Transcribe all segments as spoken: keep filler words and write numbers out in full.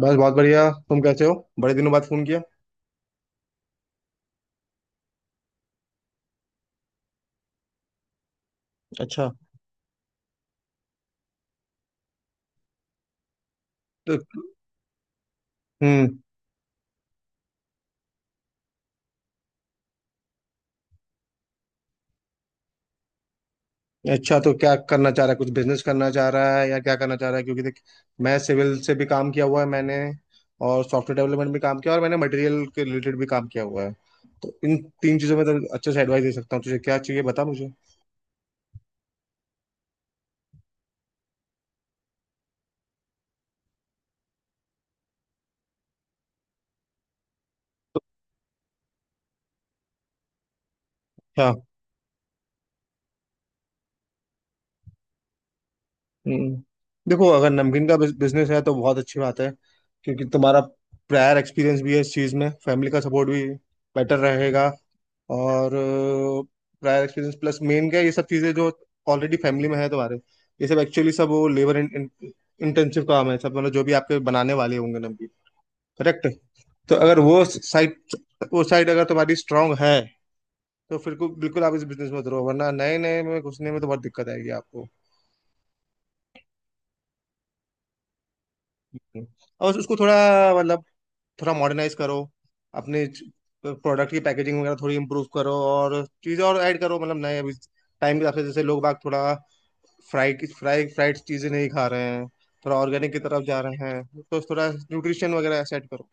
बस बहुत बढ़िया। तुम कैसे हो? बड़े दिनों बाद फोन किया। अच्छा तो हम्म अच्छा तो क्या करना चाह रहा है, कुछ बिजनेस करना चाह रहा है या क्या करना चाह रहा है? क्योंकि देख, मैं सिविल से भी काम किया हुआ है मैंने, और सॉफ्टवेयर डेवलपमेंट भी काम किया, और मैंने मटेरियल के रिलेटेड भी काम किया हुआ है। तो इन तीन चीज़ों में तो अच्छे से एडवाइस दे सकता हूँ, तुझे क्या चाहिए बता मुझे। हाँ। हम्म, देखो अगर नमकीन का बिजनेस है तो बहुत अच्छी बात है, क्योंकि तुम्हारा प्रायर एक्सपीरियंस भी है इस चीज़ में, फैमिली का सपोर्ट भी, बेटर रहेगा। और प्रायर एक्सपीरियंस प्लस मेन क्या है, ये सब चीज़ें जो ऑलरेडी फैमिली में है तुम्हारे, ये सब एक्चुअली सब वो लेबर इंटेंसिव काम है सब, मतलब जो भी आपके बनाने वाले होंगे नमकीन। करेक्ट। तो अगर वो साइड वो साइड अगर तुम्हारी स्ट्रांग है तो फिर को बिल्कुल आप इस बिजनेस में उतरो, वरना नए नए में घुसने में तो बहुत दिक्कत आएगी आपको। हम्म। और उसको थोड़ा मतलब, थोड़ा मॉडर्नाइज करो अपने प्रोडक्ट की पैकेजिंग वगैरह, थोड़ी इम्प्रूव करो और चीज़ें और ऐड करो, मतलब नए अभी टाइम के हिसाब से, जैसे लोग बाग थोड़ा फ्राई फ्राई फ्राइड चीज़ें नहीं खा रहे हैं, थोड़ा ऑर्गेनिक की तरफ जा रहे हैं, तो थोड़ा न्यूट्रिशन वगैरह सेट करो।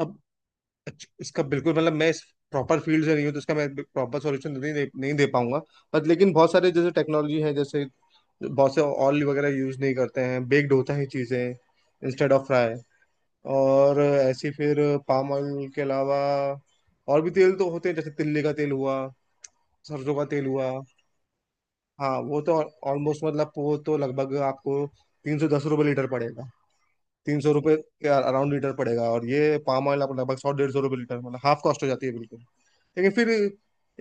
अब अच्छा, इसका बिल्कुल मतलब मैं इस प्रॉपर फील्ड से नहीं हूँ, तो इसका मैं प्रॉपर सॉल्यूशन नहीं दे नहीं दे पाऊंगा। बट लेकिन बहुत सारे जैसे टेक्नोलॉजी है, जैसे बहुत से ऑयल वगैरह यूज नहीं करते हैं, बेक्ड होता है चीज़ें, इंस्टेड ऑफ फ्राई। और ऐसी फिर पाम ऑयल के अलावा और भी तेल तो होते हैं, जैसे तिल्ली का तेल हुआ, सरसों का तेल हुआ। हाँ वो तो ऑलमोस्ट, मतलब वो तो लगभग आपको तीन सौ दस रुपये लीटर पड़ेगा, तीन सौ रुपये के अराउंड लीटर पड़ेगा। और ये पाम ऑयल आपको लगभग सौ डेढ़ सौ रुपये लीटर, मतलब हाफ कॉस्ट हो जाती है बिल्कुल। लेकिन फिर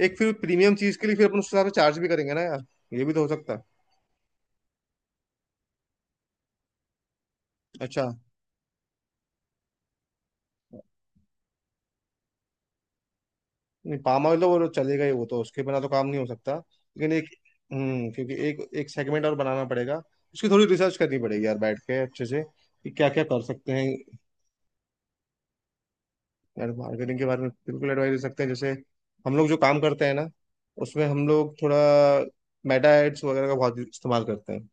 एक फिर प्रीमियम चीज़ के लिए फिर अपन उस हिसाब से चार्ज भी करेंगे ना यार, ये भी तो हो सकता है। अच्छा। नहीं, पाम ऑयल तो वो चलेगा ही, वो तो उसके बिना तो काम नहीं हो सकता, लेकिन एक। हम्म, क्योंकि एक एक सेगमेंट और बनाना पड़ेगा, उसकी थोड़ी रिसर्च करनी पड़ेगी यार बैठ के अच्छे से, कि क्या क्या कर सकते हैं। यार मार्केटिंग के बारे में बिल्कुल एडवाइस दे सकते हैं, जैसे हम लोग जो काम करते हैं ना, उसमें हम लोग थोड़ा मेटा एड्स वगैरह का बहुत इस्तेमाल करते हैं।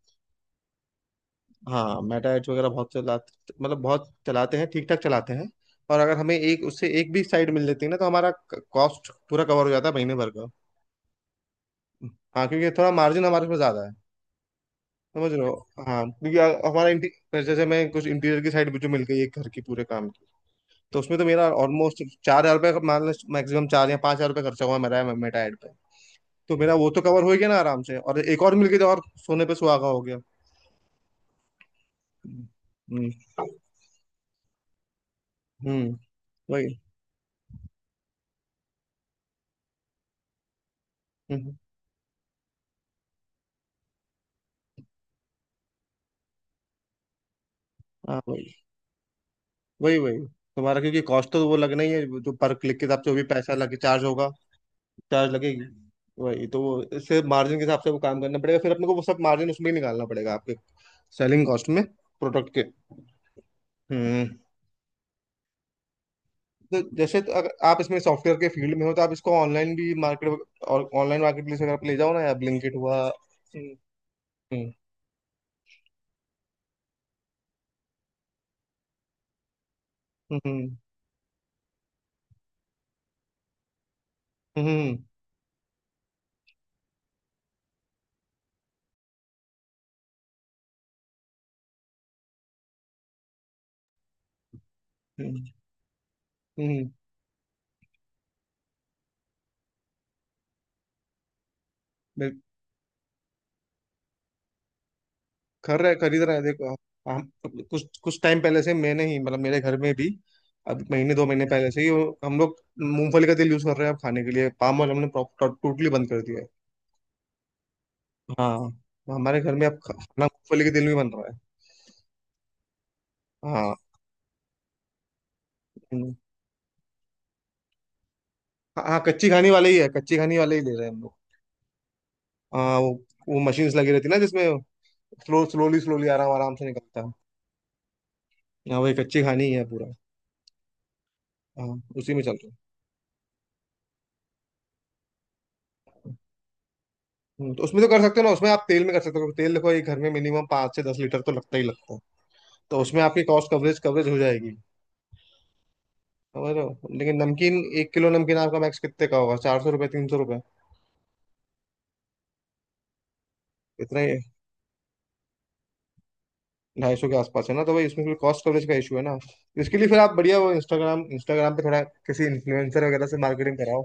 हाँ मेटा एड्स वगैरह बहुत चलाते, मतलब बहुत चलाते हैं, ठीक ठाक चलाते हैं। और अगर हमें एक उससे एक भी साइड मिल जाती है ना तो हमारा कॉस्ट पूरा कवर हो जाता है महीने भर का। हाँ क्योंकि थोड़ा मार्जिन हमारे पास ज्यादा है। समझ रहे हो? हाँ क्योंकि अ- हमारा इंटी- जैसे मैं कुछ इंटीरियर की साइड मुझे मिल गई एक घर की पूरे काम की, तो उसमें तो मेरा ऑलमोस्ट चार हजार रुपये का मान लो मैक्सिमम चार या पाँच हजार रुपये खर्चा हुआ मेरा मेटा ऐड पे। तो मेरा वो तो कवर हो ही गया ना आराम से, और एक और मिल गई तो और सोने पे सुहागा हो गया। हम्म। हम्म। वही। हम्म, हाँ वही वही। वही तुम्हारा, क्योंकि कॉस्ट तो वो लगना ही है जो पर क्लिक के हिसाब से वो भी पैसा लगे चार्ज होगा, चार्ज लगेगी। वही, तो वो इससे मार्जिन के हिसाब से वो काम करना पड़ेगा फिर, अपने को वो सब मार्जिन उसमें ही निकालना पड़ेगा आपके सेलिंग कॉस्ट में, प्रोडक्ट के। हम्म। तो जैसे, तो अगर आप इसमें सॉफ्टवेयर के फील्ड में हो तो आप इसको ऑनलाइन भी मार्केट, और ऑनलाइन मार्केट प्लेस अगर आप ले जाओ ना, या ब्लिंकिट हुआ। हम्म। हम्म। हम्म। हम्म। हम्म, हम्म, बिल- कर रहे, खरीद रहे हैं देखो आप। हम कुछ कुछ टाइम पहले से, मैंने ही मतलब मेरे घर में भी अब महीने दो महीने पहले से ही वो- हम लोग मूंगफली का तेल यूज कर रहे हैं अब खाने के लिए, पाम ऑयल हमने टोटली बंद कर दिया है। हाँ। हमारे घर में अब खाना मूंगफली के तेल में बन रहा है। हाँ हाँ हाँ, कच्ची घानी वाले ही है, कच्ची घानी वाले ही ले रहे हैं हम लोग। हाँ वो वो मशीन्स लगी रहती है ना जिसमें स्लो स्लोली स्लोली आराम आराम से निकलता है। हाँ वही कच्ची घानी ही है पूरा। हाँ उसी में चल रहे हैं। हम्म, तो उसमें तो कर सकते हो ना, उसमें आप तेल में कर सकते हो, तेल देखो एक घर में मिनिमम पाँच से दस लीटर तो लगता ही लगता है, तो उसमें आपकी कॉस्ट कवरेज कवरेज हो जाएगी। समझ रहे हो? लेकिन नमकीन, एक किलो नमकीन आपका मैक्स कितने का होगा, चार सौ रुपये, तीन सौ रुपये? इतना ही। ढाई सौ के आसपास है ना, तो भाई उसमें फिर कॉस्ट कवरेज का इशू है ना। इसके लिए फिर आप बढ़िया वो इंस्टाग्राम इंस्टाग्राम पे थोड़ा किसी इन्फ्लुएंसर वगैरह से मार्केटिंग कराओ।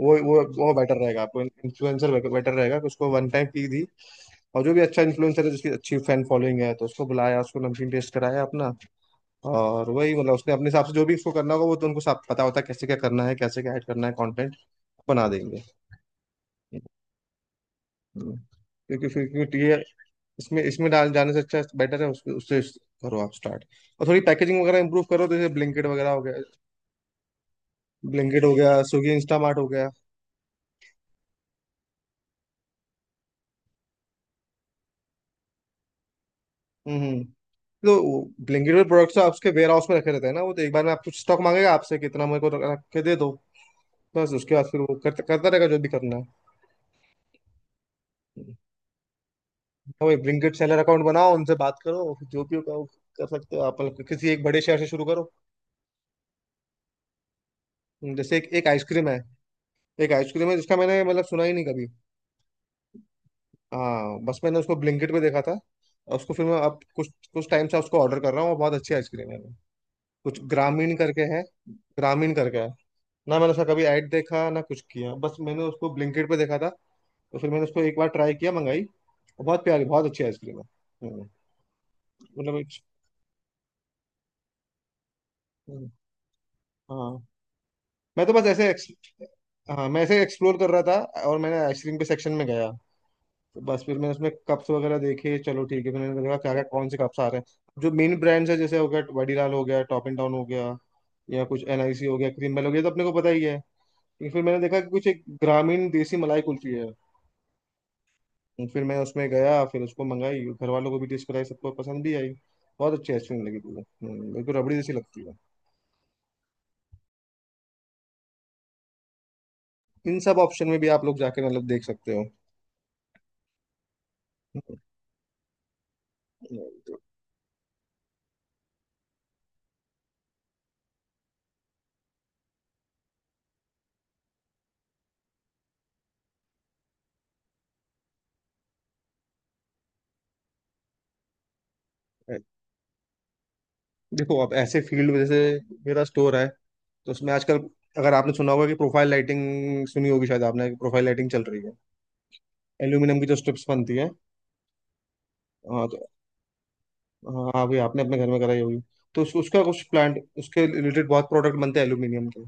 वो वो वो बेटर रहेगा आपको, इन्फ्लुएंसर बेटर रहेगा, कि उसको वन टाइम फी दी, और जो भी अच्छा इन्फ्लुएंसर है जिसकी अच्छी फैन फॉलोइंग है तो उसको बुलाया, उसको नमकीन टेस्ट कराया अपना, और वही, मतलब उसने अपने हिसाब से जो भी उसको करना होगा, वो तो उनको सब पता होता है कैसे क्या करना है, कैसे क्या ऐड करना है, कंटेंट बना देंगे। हम्म। क्योंकि फिर क्योंकि ये इसमें इसमें डाल जाने से अच्छा बेटर है, उसके उससे करो आप स्टार्ट। और थोड़ी पैकेजिंग वगैरह इंप्रूव करो, तो जैसे ब्लिंकिट वगैरह हो गया, ब्लिंकिट हो गया, स्विगी इंस्टामार्ट हो गया। हम्म हम्म। तो ब्लिंकिट पर प्रोडक्ट्स आपके वेयर हाउस में रखे रहते हैं ना, वो तो एक बार में आप कुछ स्टॉक मांगेगा आपसे कितना, मेरे को रख के दे दो, बस उसके बाद फिर वो करता करता रहेगा जो भी करना है। हाँ भाई, ब्लिंकिट सेलर अकाउंट बनाओ, उनसे बात करो, जो भी होगा वो। कर सकते हो आप, मतलब किसी एक बड़े शहर से शुरू करो। जैसे एक एक आइसक्रीम है, एक आइसक्रीम है जिसका मैंने मतलब सुना ही नहीं कभी। हाँ बस मैंने उसको ब्लिंकिट पे देखा था, और उसको फिर मैं अब कुछ कुछ टाइम से उसको ऑर्डर कर रहा हूँ, और बहुत अच्छी आइसक्रीम है वो। कुछ ग्रामीण करके है। ग्रामीण करके है। ना मैंने उसका कभी ऐड देखा ना कुछ किया, बस मैंने उसको ब्लिंकिट पे देखा था, तो फिर मैंने उसको एक बार ट्राई किया, मंगाई, और बहुत प्यारी बहुत अच्छी आइसक्रीम है। हम्म, मतलब एक- हम्म, हाँ। मैं तो बस ऐसे ex- हाँ मैं ऐसे एक्सप्लोर कर रहा था, और मैंने आइसक्रीम के सेक्शन में गया, तो बस फिर मैंने उसमें कप्स वगैरह देखे, चलो ठीक है, फिर मैंने देखा क्या क्या कौन से कप्स आ रहे हैं जो मेन ब्रांड्स है, जैसे हो गया वाडीलाल हो गया, टॉप एंड डाउन हो गया, या कुछ एनआईसी हो गया, क्रीमबेल हो गया, ये तो अपने को पता ही है। लेकिन फिर मैंने देखा कि कुछ एक ग्रामीण देसी मलाई कुल्फी है, तो फिर मैं उसमें गया, फिर उसको मंगाई, घर वालों को भी टेस्ट कराई, सबको पसंद भी आई। बहुत अच्छी आइसक्रीम लगी थी वो। हम्म, बिल्कुल रबड़ी जैसी लगती है। इन सब ऑप्शन में भी आप लोग जाके मतलब देख सकते हो। हम्म, तो, देखो आप ऐसे फील्ड में, जैसे मेरा स्टोर है, तो उसमें आजकल, अगर आपने सुना होगा कि प्रोफाइल लाइटिंग, सुनी होगी शायद आपने, कि प्रोफाइल लाइटिंग चल रही है, एल्यूमिनियम की जो स्ट्रिप्स बनती है। हाँ तो, हाँ भाई आपने अपने घर में कराई होगी। तो उस, उसका कुछ प्लांट, उसके रिलेटेड बहुत प्रोडक्ट बनते हैं एल्यूमिनियम के।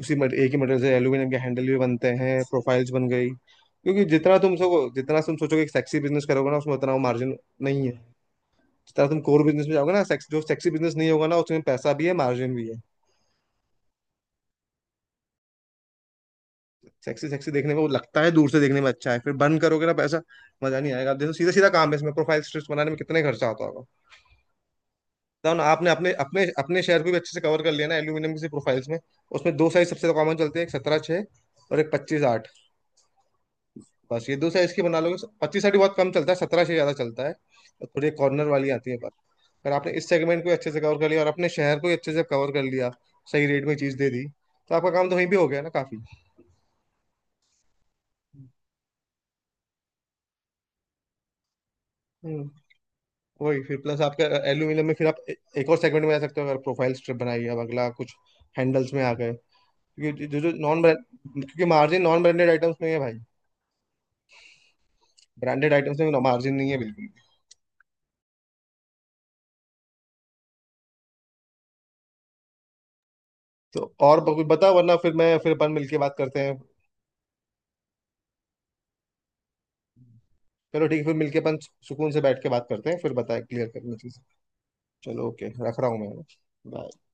उसी मट- एक ही मटेरियल से एल्यूमिनियम के हैंडल भी बनते हैं, प्रोफाइल्स बन गई, क्योंकि जितना तुम सो जितना तुम सोचोगे कि सेक्सी बिजनेस करोगे ना उसमें उतना वो मार्जिन नहीं है। जितना तुम कोर बिजनेस में जाओगे ना, सेक्स जो सेक्सी बिजनेस नहीं होगा ना उसमें पैसा भी है मार्जिन भी है। सेक्सी सेक्सी देखने में वो लगता है, दूर से देखने में अच्छा है, फिर बर्न करोगे ना पैसा, मजा नहीं आएगा। आप देखो सीधा सीधा काम है, इसमें प्रोफाइल स्ट्रिप्स बनाने में कितने खर्चा आता होगा? तो ना आपने अपने अपने अपने शहर को भी अच्छे से कवर कर लिया ना एल्यूमिनियम की प्रोफाइल्स में। उसमें दो साइज सबसे कॉमन चलते हैं, एक सत्रह छः और एक पच्चीस आठ। बस ये दो साइज की बना लोगे, पच्चीस आठ बहुत कम चलता है, सत्रह छः ज़्यादा चलता है। और थोड़ी कॉर्नर वाली आती है बस। अगर आपने इस सेगमेंट को अच्छे से कवर कर लिया और अपने शहर को ही अच्छे से कवर कर लिया, सही रेट में चीज़ दे दी, तो आपका काम तो वहीं भी हो गया ना। काफ़ी। वही फिर प्लस आपका एल्यूमिनियम में फिर आप ए- एक और सेगमेंट में आ सकते हो, अगर प्रोफाइल स्ट्रिप बनाई अब अगला कुछ, हैंडल्स में आ गए, क्योंकि जो जो नॉन ब्रांड, क्योंकि मार्जिन नॉन ब्रांडेड आइटम्स में ही है भाई, ब्रांडेड आइटम्स में मार्जिन नहीं है बिल्कुल भी। तो और ब- कुछ बताओ, वरना फिर मैं, फिर अपन मिलके बात करते हैं। चलो ठीक है, फिर मिलके अपन सुकून से बैठ के बात करते हैं, फिर बताए क्लियर करना चीज़। चलो ओके, रख रहा हूँ मैं। बाय।